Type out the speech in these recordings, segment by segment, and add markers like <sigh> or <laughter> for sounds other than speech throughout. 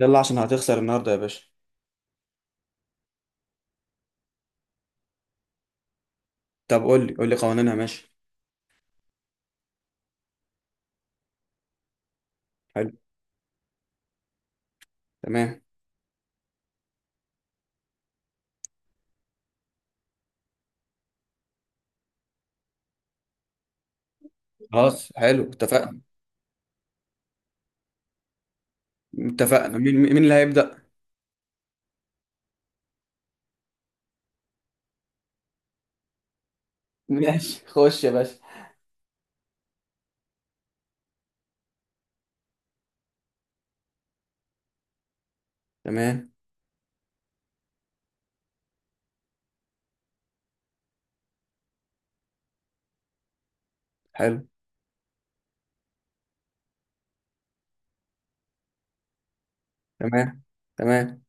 يلا عشان هتخسر النهارده يا باشا. طب قول لي قوانينها. ماشي. حلو. تمام. خلاص حلو اتفقنا. اتفقنا، مين اللي هيبدأ؟ ماشي خش يا باشا. تمام. حلو. تمام. تمام.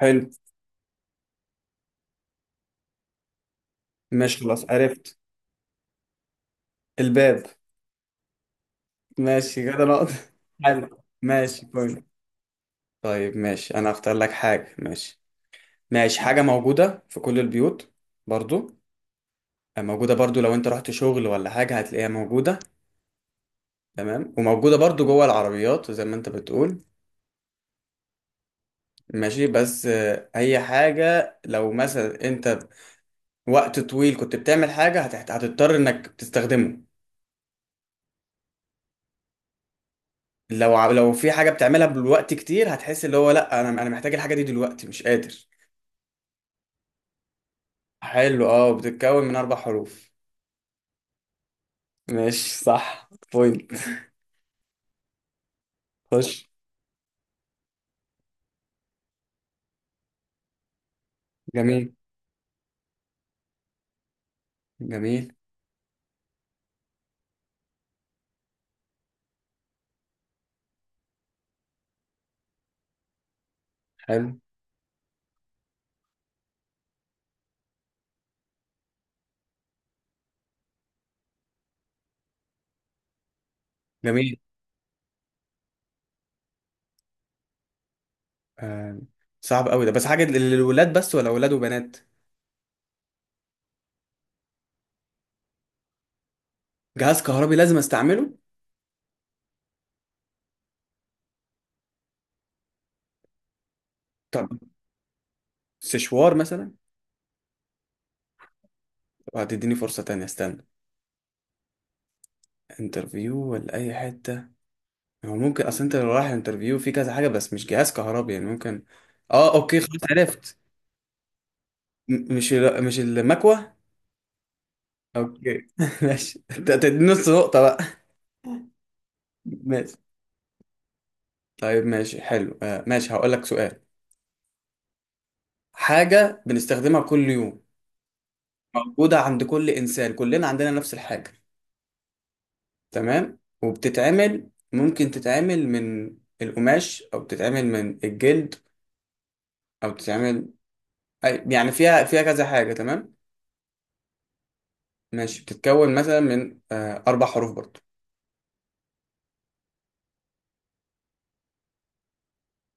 حلو. ماشي خلاص عرفت. الباب. ماشي كده نقطة. حلو ماشي بوينت. طيب ماشي انا هختار لك حاجة. ماشي. ماشي، حاجة موجودة في كل البيوت. برضو موجودة، برضو لو انت رحت شغل ولا حاجة هتلاقيها موجودة. تمام، وموجودة برضو جوه العربيات زي ما انت بتقول. ماشي، بس هي حاجة لو مثلا انت وقت طويل كنت بتعمل حاجة هتضطر انك تستخدمه. لو في حاجة بتعملها بالوقت كتير هتحس اللي هو، لا انا محتاج الحاجة دي دلوقتي، مش قادر. حلو، اه بتتكون من اربع حروف. ماشي صح بوينت. خش. جميل. جميل. حلو. جميل. آه صعب قوي ده، بس حاجة للولاد بس ولا ولاد وبنات؟ جهاز كهربي لازم استعمله. طب سشوار مثلا؟ وهتديني فرصة تانية، استنى. انترفيو ولا اي حته، هو ممكن اصل انت لو رايح انترفيو في كذا حاجه بس مش جهاز كهربي يعني ممكن. اه اوكي خلاص عرفت. مش المكوه. اوكي <laughs> ماشي انت تدي نص نقطه بقى. ماشي. طيب ماشي حلو، ماشي هقول لك سؤال. حاجه بنستخدمها كل يوم. موجوده عند كل انسان، كلنا عندنا نفس الحاجه. تمام، وبتتعمل، ممكن تتعمل من القماش او بتتعمل من الجلد او بتتعمل يعني فيها، فيها كذا حاجه. تمام. ماشي بتتكون مثلا من اربع حروف برضو.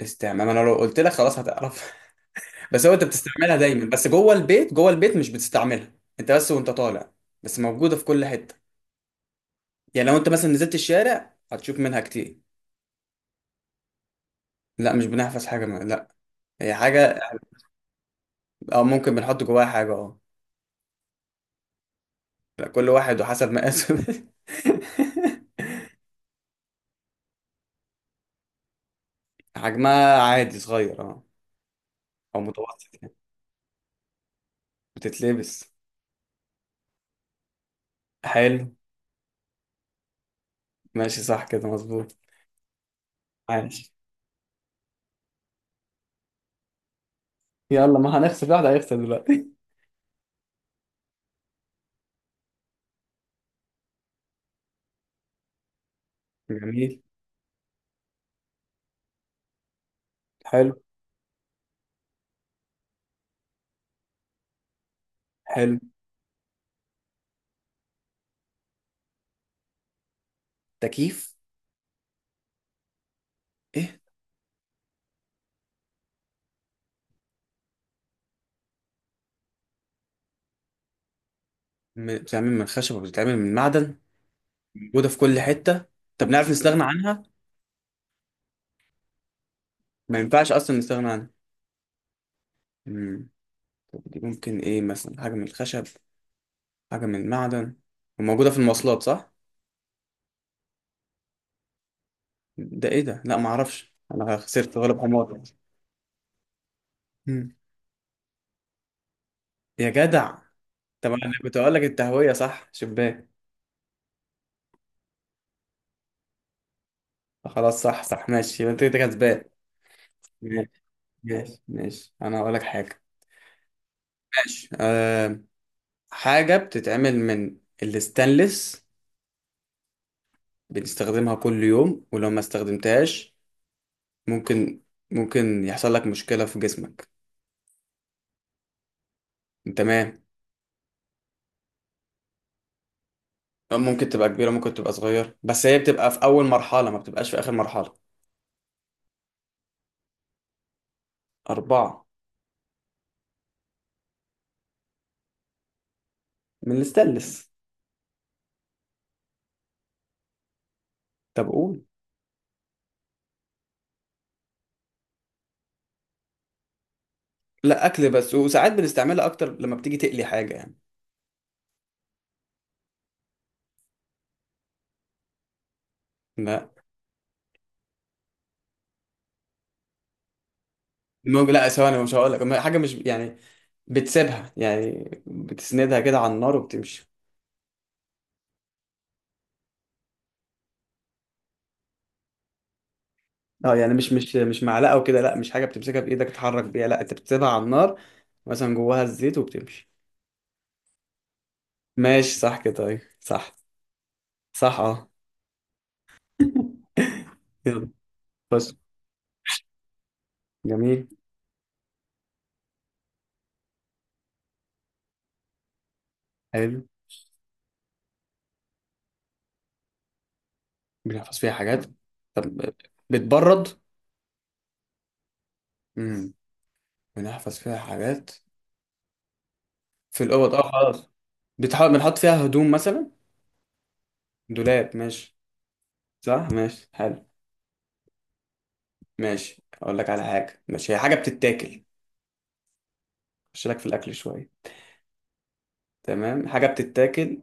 استعمال؟ ما انا لو قلت لك خلاص هتعرف. <laughs> بس هو انت بتستعملها دايما، بس جوه البيت، جوه البيت مش بتستعملها. انت بس وانت طالع. بس موجوده في كل حته، يعني لو انت مثلا نزلت الشارع هتشوف منها كتير. لا مش بنحفظ حاجه. ما، لا، هي حاجه. او ممكن بنحط جواها حاجه، اه. لا، كل واحد وحسب مقاسه. <laughs> حجمها عادي، صغير اه، او متوسط يعني. بتتلبس. حلو. ماشي صح كده مظبوط. عايش. يلا، ما هنخسر، واحد هيخسر دلوقتي. <laughs> جميل. حلو. حلو. تكييف. ايه؟ بتتعمل من خشب وبتتعمل من معدن، موجوده في كل حته. طب نعرف نستغنى عنها؟ ما ينفعش اصلا نستغنى عنها. امم طب دي ممكن ايه، مثلا حاجه من الخشب، حاجه من المعدن، وموجوده في المواصلات؟ صح. ده ايه ده؟ لا ما اعرفش، انا خسرت، غلب حمار. مم. يا جدع، طب انا كنت اقول لك التهويه، صح، شباك. خلاص صح صح ماشي، يبقى انت كده كسبان. ماشي. انا هقول لك حاجه. ماشي حاجة بتتعمل من الستانلس، بنستخدمها كل يوم ولو ما استخدمتهاش ممكن، ممكن يحصل لك مشكلة في جسمك. تمام. ممكن تبقى كبيرة ممكن تبقى صغيرة، بس هي بتبقى في أول مرحلة ما بتبقاش في آخر مرحلة. أربعة. من الستانلس. طب قول. لا، أكل بس، وساعات بنستعملها أكتر لما بتيجي تقلي حاجة يعني. لا. ممكن، لا ثواني، مش هقول لك حاجة مش يعني، بتسيبها يعني، بتسندها كده على النار وبتمشي. اه يعني مش معلقه وكده، لا مش حاجه بتمسكها بايدك تتحرك بيها، لا انت بتسيبها على النار مثلا جواها الزيت وبتمشي. ماشي صح كده، طيب، صح، صح اه. <laughs> يلا. بس. جميل. حلو. بنحفظ فيها حاجات. طب بتبرد؟ امم بنحفظ فيها حاجات. في الاوض اه خلاص. بتحاول بنحط فيها هدوم مثلا، دولاب ماشي. صح ماشي حلو. ماشي اقول لك على حاجه. ماشي هي حاجه بتتاكل. خش لك في الاكل شويه. تمام، حاجه بتتاكل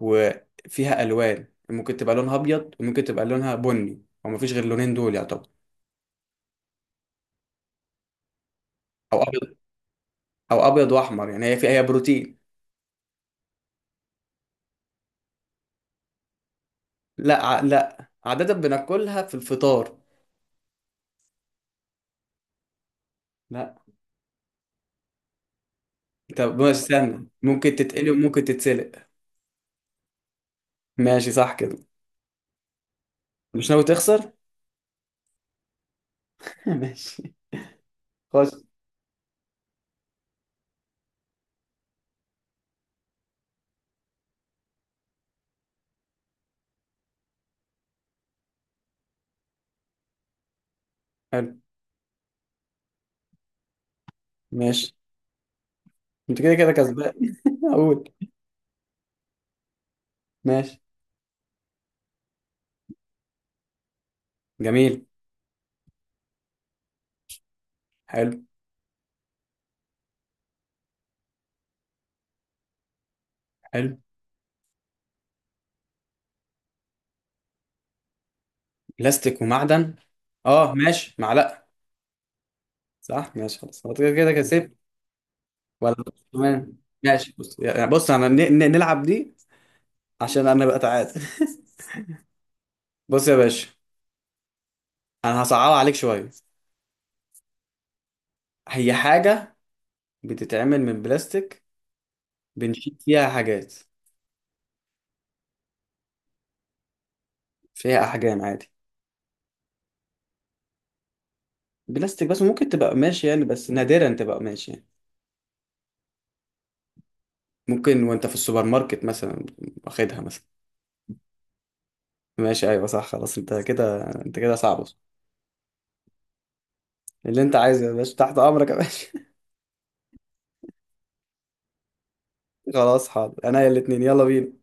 وفيها الوان، ممكن تبقى لونها ابيض وممكن تبقى لونها بني، او مفيش غير لونين دول يعتبر. او ابيض، او ابيض واحمر يعني، هي فيها، هي بروتين. لا عاده بناكلها في الفطار. لا. طب بس استنى، ممكن تتقلي وممكن تتسلق. ماشي صح كده. مش ناوي تخسر؟ <laughs> ماشي. خش. حلو. ماشي انت كده كده كسبان. <laughs> اقول. ماشي. جميل. حلو. حلو. بلاستيك ومعدن، اه ماشي معلقه. صح ماشي خلاص، هو كده كده كسبت. ولا. تمام. ماشي، بص يعني، بص انا نلعب دي عشان انا بقى تعاد. <laughs> بص يا باشا، انا هصعبها عليك شويه. هي حاجه بتتعمل من بلاستيك، بنشيل فيها حاجات. فيها احجام عادي. بلاستيك بس، ممكن تبقى ماشي يعني بس نادرا، تبقى ماشي يعني. ممكن وانت في السوبر ماركت مثلا، واخدها مثلا. ماشي ايوه صح، خلاص انت كده، انت كده صعب. اللي انت عايزه يا باشا، تحت امرك يا باشا. <laughs> خلاص حاضر، انا يا الاتنين، يلا بينا.